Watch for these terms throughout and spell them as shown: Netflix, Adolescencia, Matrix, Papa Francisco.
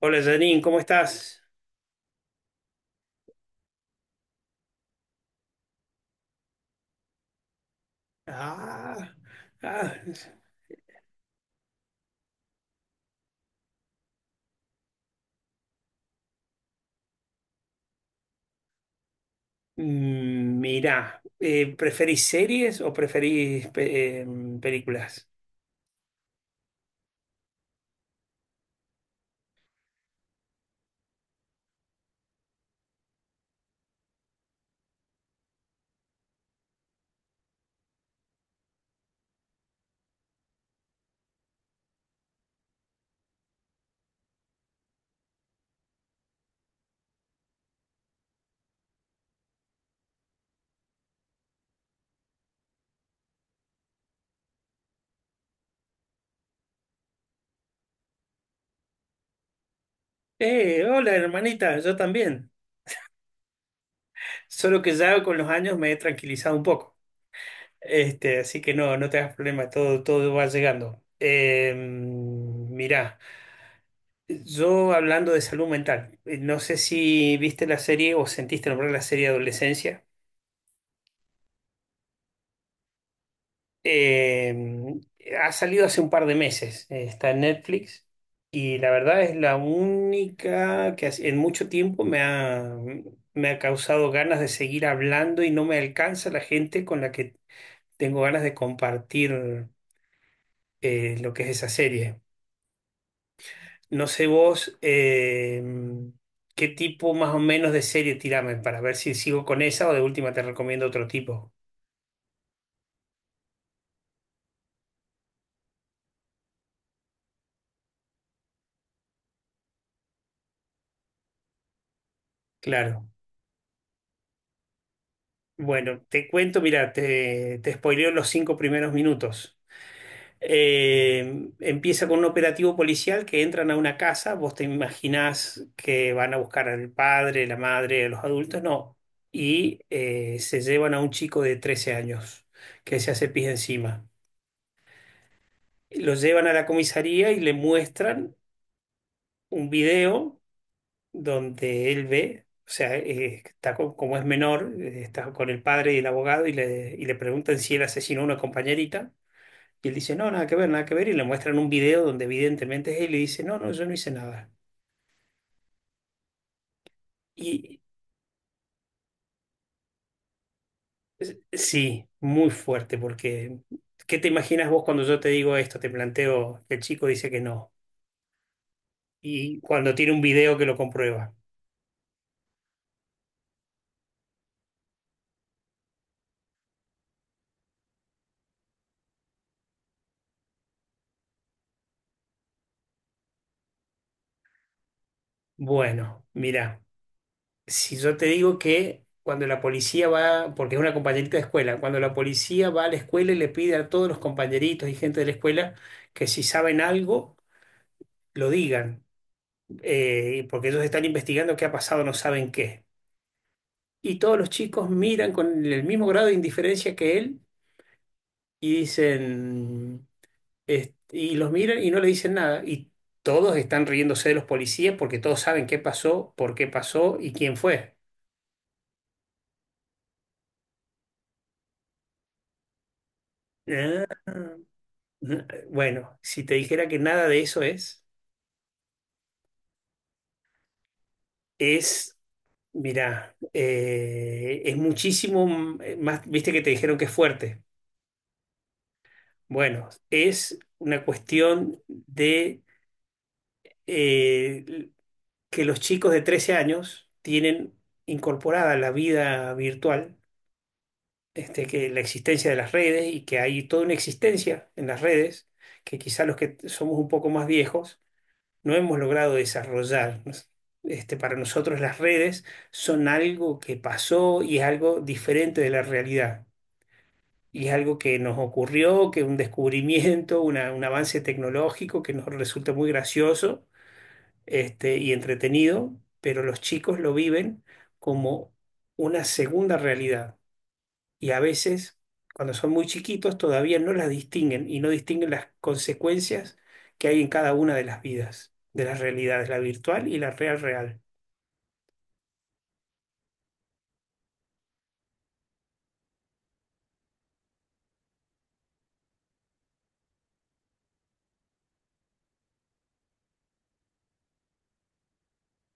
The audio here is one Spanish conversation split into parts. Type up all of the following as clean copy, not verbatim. Hola, Janine, ¿cómo estás? Ah, ah, mirá, ¿preferís series o preferís películas? Hola, hermanita, yo también. Solo que ya con los años me he tranquilizado un poco. Así que no, no te hagas problema, todo va llegando. Mirá, yo, hablando de salud mental, no sé si viste la serie o sentiste nombrar la serie Adolescencia. Eh, Ha salido hace un par de meses, está en Netflix y la verdad es la única que en mucho tiempo me ha causado ganas de seguir hablando y no me alcanza la gente con la que tengo ganas de compartir lo que es esa serie. No sé vos, qué tipo más o menos de serie tirame para ver si sigo con esa o de última te recomiendo otro tipo. Claro. Bueno, te cuento, mira, te spoileo los cinco primeros minutos. Empieza con un operativo policial que entran a una casa. Vos te imaginás que van a buscar al padre, la madre, a los adultos, no. Y se llevan a un chico de 13 años que se hace pis encima. Lo llevan a la comisaría y le muestran un video donde él ve, o sea, está como es menor, está con el padre y el abogado y y le preguntan si él asesinó a una compañerita. Y él dice, no, nada que ver, nada que ver. Y le muestran un video donde evidentemente es él y dice, no, no, yo no hice nada. Y sí, muy fuerte, porque ¿qué te imaginas vos cuando yo te digo esto? Te planteo que el chico dice que no. Y cuando tiene un video que lo comprueba. Bueno, mira. Si yo te digo que cuando la policía va, porque es una compañerita de escuela, cuando la policía va a la escuela y le pide a todos los compañeritos y gente de la escuela que si saben algo, lo digan, porque ellos están investigando qué ha pasado, no saben qué. Y todos los chicos miran con el mismo grado de indiferencia que él y dicen, y los miran y no le dicen nada. Y todos están riéndose de los policías porque todos saben qué pasó, por qué pasó y quién fue. Ah. Bueno, si te dijera que nada de eso es, mirá, es muchísimo más, viste que te dijeron que es fuerte. Bueno, es una cuestión de eh, que los chicos de 13 años tienen incorporada la vida virtual, que la existencia de las redes y que hay toda una existencia en las redes, que quizá los que somos un poco más viejos no hemos logrado desarrollar. Para nosotros las redes son algo que pasó y es algo diferente de la realidad. Y es algo que nos ocurrió, que un descubrimiento, un avance tecnológico que nos resulta muy gracioso, y entretenido, pero los chicos lo viven como una segunda realidad y a veces, cuando son muy chiquitos, todavía no las distinguen y no distinguen las consecuencias que hay en cada una de las vidas, de las realidades, la virtual y la real real.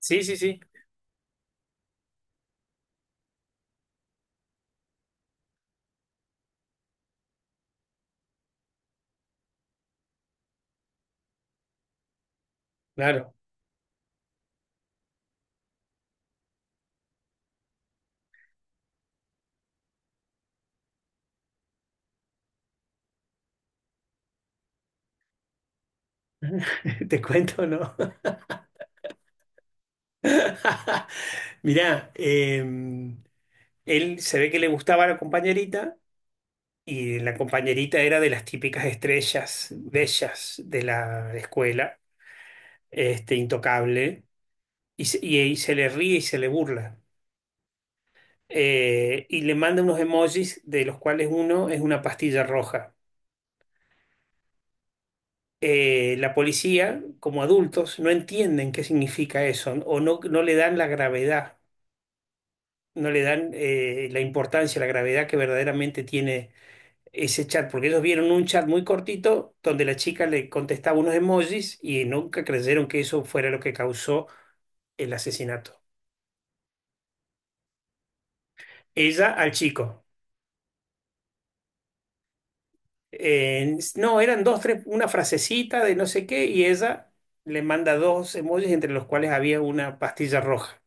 Sí, sí, sí, claro. Te cuento, ¿no? Mirá, él se ve que le gustaba la compañerita y la compañerita era de las típicas estrellas bellas de la escuela, intocable, y, y se le ríe y se le burla. Y le manda unos emojis de los cuales uno es una pastilla roja. La policía, como adultos, no entienden qué significa eso o no, no le dan la gravedad, no le dan, la importancia, la gravedad que verdaderamente tiene ese chat, porque ellos vieron un chat muy cortito donde la chica le contestaba unos emojis y nunca creyeron que eso fuera lo que causó el asesinato. Ella al chico. No, eran dos, tres, una frasecita de no sé qué, y ella le manda dos emojis entre los cuales había una pastilla roja,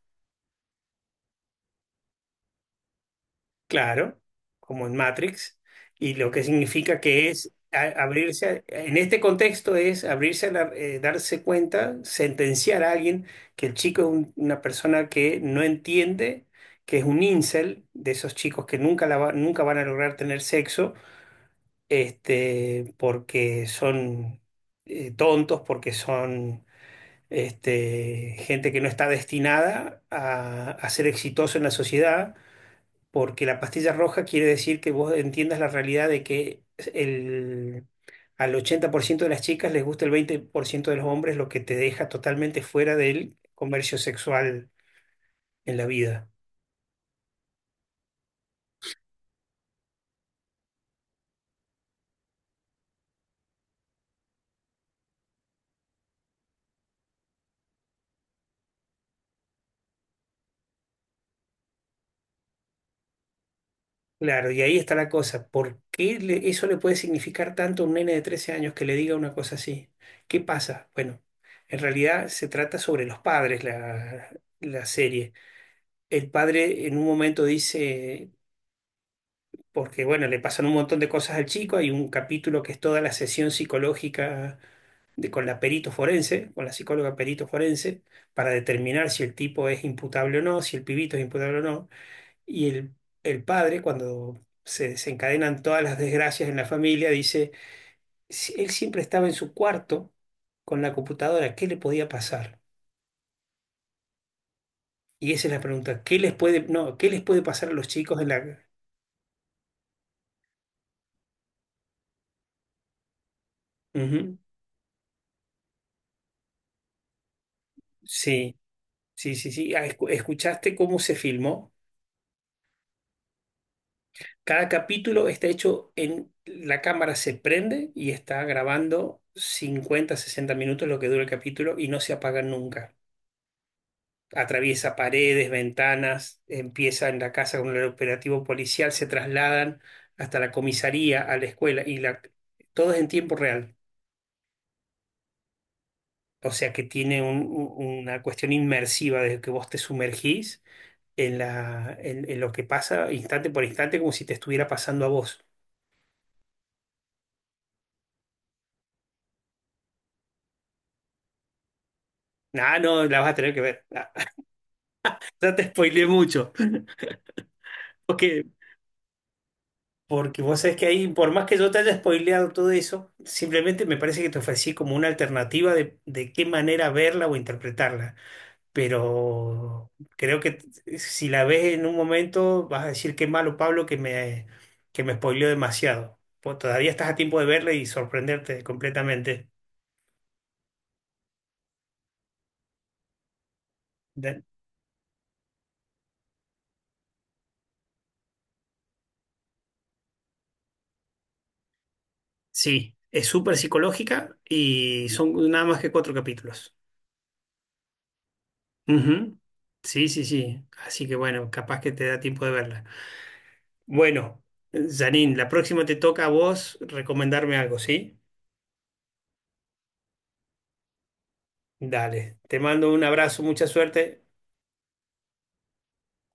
claro, como en Matrix, y lo que significa que es abrirse, en este contexto es abrirse, darse cuenta, sentenciar a alguien que el chico es una persona que no entiende, que es un incel, de esos chicos que nunca, nunca van a lograr tener sexo, porque son tontos, porque son, gente que no está destinada a ser exitoso en la sociedad, porque la pastilla roja quiere decir que vos entiendas la realidad de que al 80% de las chicas les gusta el 20% de los hombres, lo que te deja totalmente fuera del comercio sexual en la vida. Claro, y ahí está la cosa. ¿Por qué eso le puede significar tanto a un nene de 13 años que le diga una cosa así? ¿Qué pasa? Bueno, en realidad se trata sobre los padres la serie. El padre en un momento dice, porque bueno, le pasan un montón de cosas al chico, hay un capítulo que es toda la sesión psicológica de, con la perito forense, con la psicóloga perito forense, para determinar si el tipo es imputable o no, si el pibito es imputable o no. Y el padre, cuando se desencadenan todas las desgracias en la familia, dice, "Si él siempre estaba en su cuarto con la computadora, ¿qué le podía pasar? Y esa es la pregunta, ¿qué les puede, no, ¿qué les puede pasar a los chicos en la... Ujú. Sí, sí, sí, sí. Ah, ¿escuchaste cómo se filmó? Cada capítulo está hecho en... La cámara se prende y está grabando 50, 60 minutos lo que dura el capítulo y no se apaga nunca. Atraviesa paredes, ventanas, empieza en la casa con el operativo policial, se trasladan hasta la comisaría, a la escuela, todo es en tiempo real. O sea que tiene una cuestión inmersiva desde que vos te sumergís en lo que pasa instante por instante como si te estuviera pasando a vos. Ah, no, la vas a tener que ver. Ah, ya te spoileé mucho. Ok. Porque vos sabés que ahí, por más que yo te haya spoileado todo eso, simplemente me parece que te ofrecí como una alternativa de qué manera verla o interpretarla. Pero creo que si la ves en un momento, vas a decir qué malo Pablo que me spoileó demasiado. Vos todavía estás a tiempo de verla y sorprenderte completamente. De- Sí, es súper psicológica y son nada más que cuatro capítulos. Ujú. Sí, sí, sí. Así que bueno, capaz que te da tiempo de verla. Bueno, Janine, la próxima te toca a vos recomendarme algo, ¿sí? Dale, te mando un abrazo, mucha suerte.